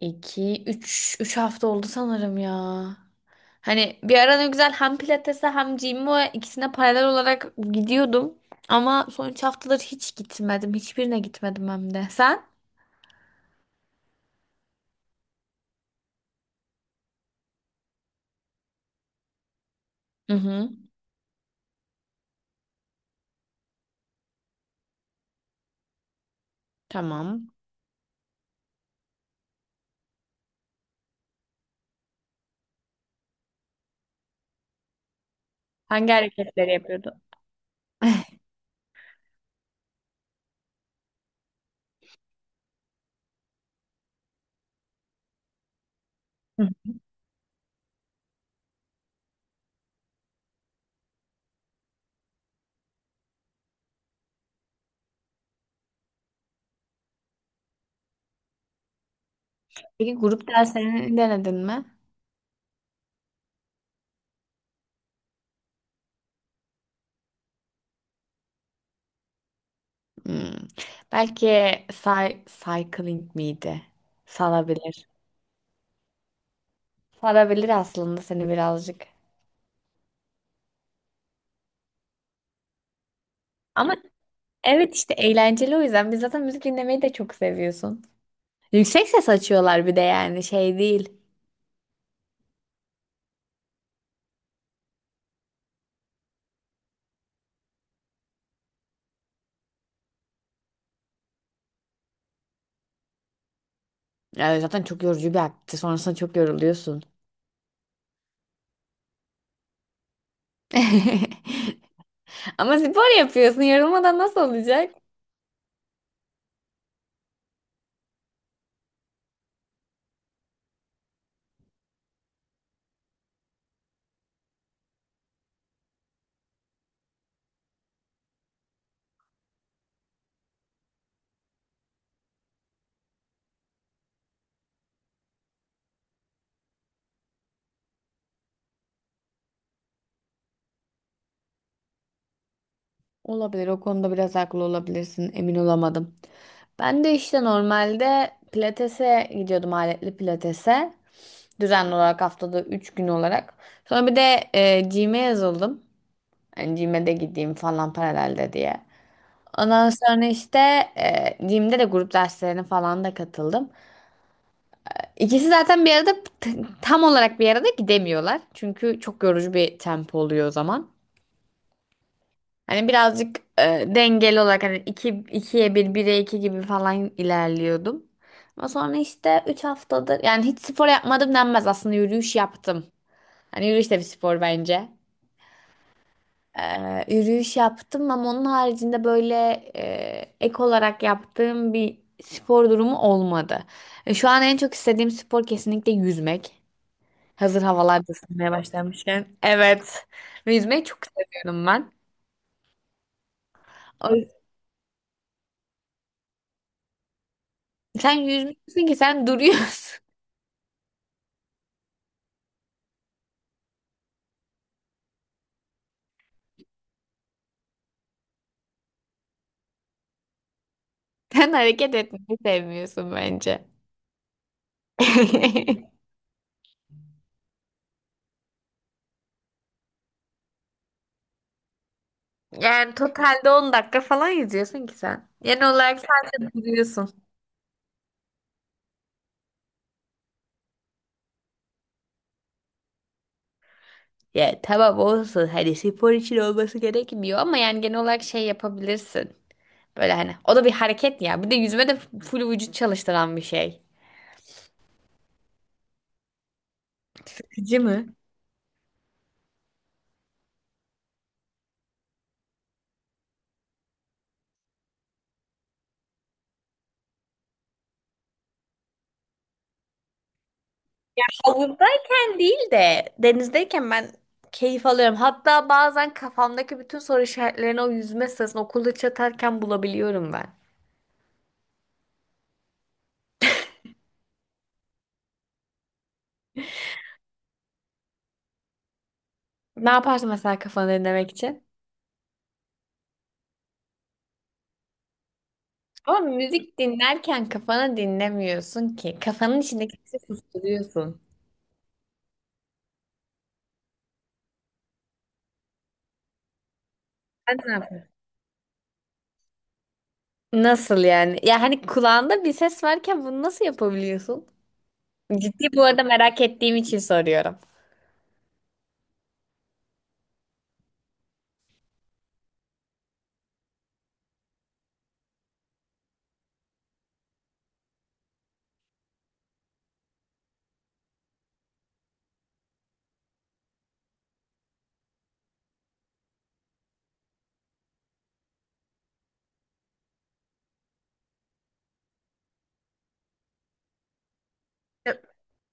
İki, üç, üç hafta oldu sanırım ya. Hani bir ara ne güzel hem pilatese hem gym'e ikisine paralel olarak gidiyordum. Ama son üç haftadır hiç gitmedim. Hiçbirine gitmedim hem de. Sen? Hı hı. Tamam. Hangi hareketleri yapıyordun? Hı hı. Peki grup derslerini denedin mi? Hmm. Belki cycling miydi? Sarabilir. Sarabilir aslında seni birazcık. Ama evet işte eğlenceli o yüzden. Biz zaten müzik dinlemeyi de çok seviyorsun. Yüksek ses açıyorlar bir de yani şey değil. Yani zaten çok yorucu bir aktivite. Sonrasında çok yoruluyorsun. Ama spor yapıyorsun. Yorulmadan nasıl olacak? Olabilir. O konuda biraz haklı olabilirsin. Emin olamadım. Ben de işte normalde pilatese gidiyordum aletli pilatese. Düzenli olarak haftada 3 gün olarak. Sonra bir de gym'e yazıldım. Yani gym'e de gideyim falan paralelde diye. Ondan sonra işte gym'de de grup derslerine falan da katıldım. İkisi zaten bir arada t- tam olarak bir arada gidemiyorlar. Çünkü çok yorucu bir tempo oluyor o zaman. Hani birazcık dengeli olarak hani iki, ikiye bir, bire iki gibi falan ilerliyordum. Ama sonra işte üç haftadır yani hiç spor yapmadım denmez aslında yürüyüş yaptım. Hani yürüyüş de bir spor bence. Yürüyüş yaptım ama onun haricinde böyle ek olarak yaptığım bir spor durumu olmadı. Şu an en çok istediğim spor kesinlikle yüzmek. Hazır havalar da ısınmaya başlamışken. Evet. Yüzmeyi çok seviyorum ben. Sen yüzmüyorsun ki sen duruyorsun. Sen hareket etmeyi sevmiyorsun bence. Yani totalde 10 dakika falan yüzüyorsun ki sen. Genel olarak sadece duruyorsun. Ya tamam olsun hani spor için olması gerekmiyor ama yani genel olarak şey yapabilirsin. Böyle hani o da bir hareket ya. Bir de yüzme de full vücut çalıştıran bir şey. Sıkıcı mı? Havuzdayken değil de denizdeyken ben keyif alıyorum. Hatta bazen kafamdaki bütün soru işaretlerini o yüzme sırasında okulda çatarken bulabiliyorum ben. Ne yaparsın mesela kafanı dinlemek için? Ama müzik dinlerken kafanı dinlemiyorsun ki. Kafanın içindeki sesi susturuyorsun. Sen ne yapıyorsun? Nasıl yani? Ya hani kulağında bir ses varken bunu nasıl yapabiliyorsun? Ciddi bu arada merak ettiğim için soruyorum.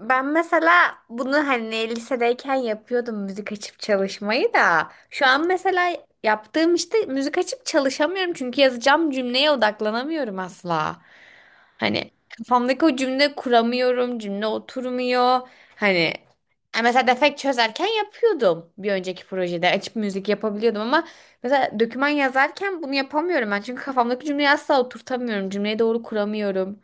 Ben mesela bunu hani lisedeyken yapıyordum müzik açıp çalışmayı da şu an mesela yaptığım işte müzik açıp çalışamıyorum çünkü yazacağım cümleye odaklanamıyorum asla. Hani kafamdaki o cümle kuramıyorum, cümle oturmuyor. Hani mesela defekt çözerken yapıyordum bir önceki projede açıp müzik yapabiliyordum ama mesela doküman yazarken bunu yapamıyorum ben çünkü kafamdaki cümleyi asla oturtamıyorum, cümleyi doğru kuramıyorum.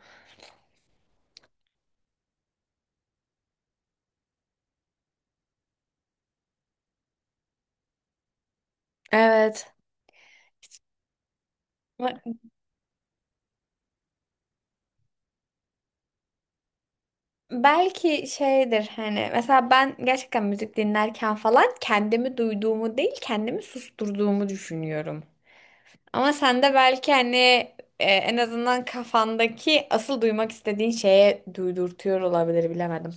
Evet. Belki şeydir hani mesela ben gerçekten müzik dinlerken falan kendimi duyduğumu değil kendimi susturduğumu düşünüyorum. Ama sen de belki hani en azından kafandaki asıl duymak istediğin şeye duydurtuyor olabilir bilemedim.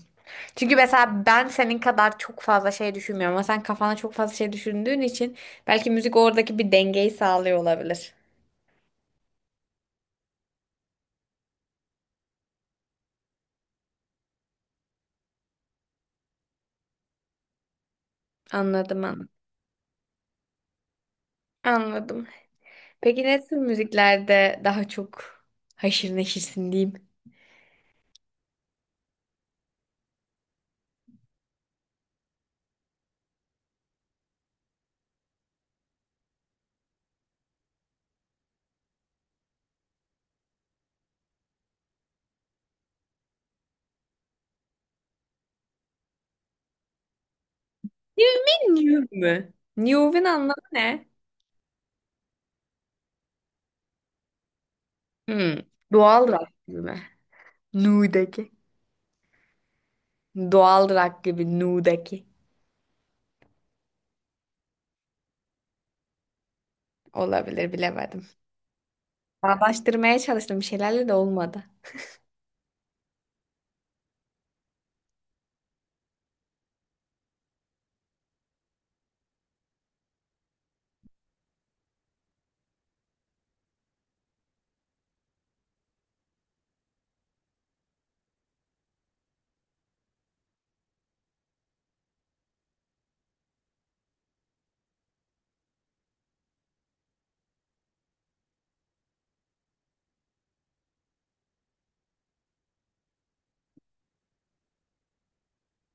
Çünkü mesela ben senin kadar çok fazla şey düşünmüyorum ama sen kafana çok fazla şey düşündüğün için belki müzik oradaki bir dengeyi sağlıyor olabilir. Anladım anladım. Anladım. Peki ne tür müziklerde daha çok haşır neşirsin diyeyim? You mean new mü? New'un anlamı ne? Hmm. Doğal rock gibi mi? Nu'daki. Doğal rock gibi Nu'daki. Olabilir bilemedim. Bağdaştırmaya çalıştım bir şeylerle de olmadı.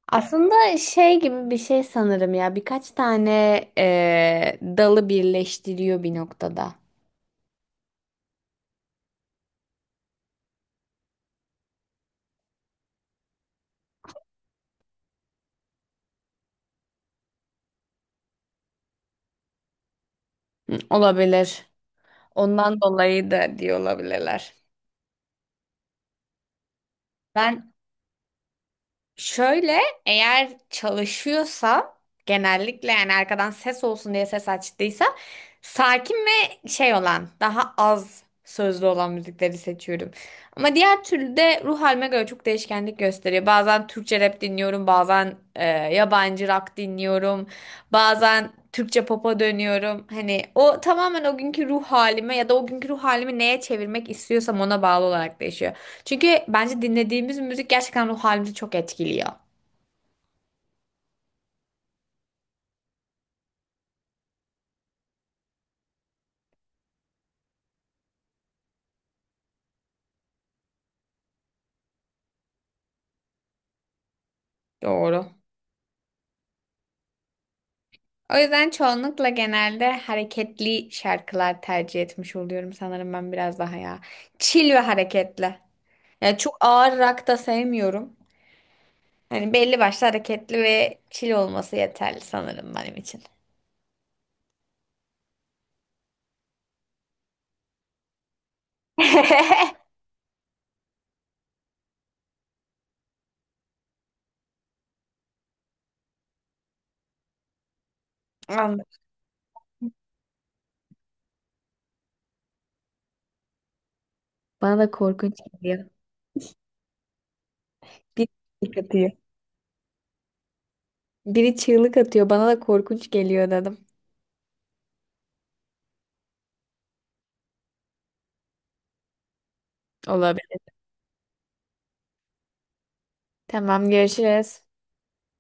Aslında şey gibi bir şey sanırım ya. Birkaç tane dalı birleştiriyor bir noktada. Hı, olabilir. Ondan dolayı da diyor olabilirler. Ben şöyle, eğer çalışıyorsa genellikle yani arkadan ses olsun diye ses açtıysa sakin ve şey olan daha az sözlü olan müzikleri seçiyorum. Ama diğer türlü de ruh halime göre çok değişkenlik gösteriyor. Bazen Türkçe rap dinliyorum, bazen yabancı rock dinliyorum, bazen Türkçe pop'a dönüyorum. Hani o tamamen o günkü ruh halime ya da o günkü ruh halimi neye çevirmek istiyorsam ona bağlı olarak değişiyor. Çünkü bence dinlediğimiz müzik gerçekten ruh halimizi çok etkiliyor. Doğru. O yüzden çoğunlukla genelde hareketli şarkılar tercih etmiş oluyorum sanırım ben biraz daha ya. Chill ve hareketli. Yani çok ağır rock da sevmiyorum. Hani belli başlı hareketli ve chill olması yeterli sanırım benim için. Anladım. Bana da korkunç geliyor. Biri çığlık atıyor. Biri çığlık atıyor. Bana da korkunç geliyor dedim. Olabilir. Tamam görüşürüz.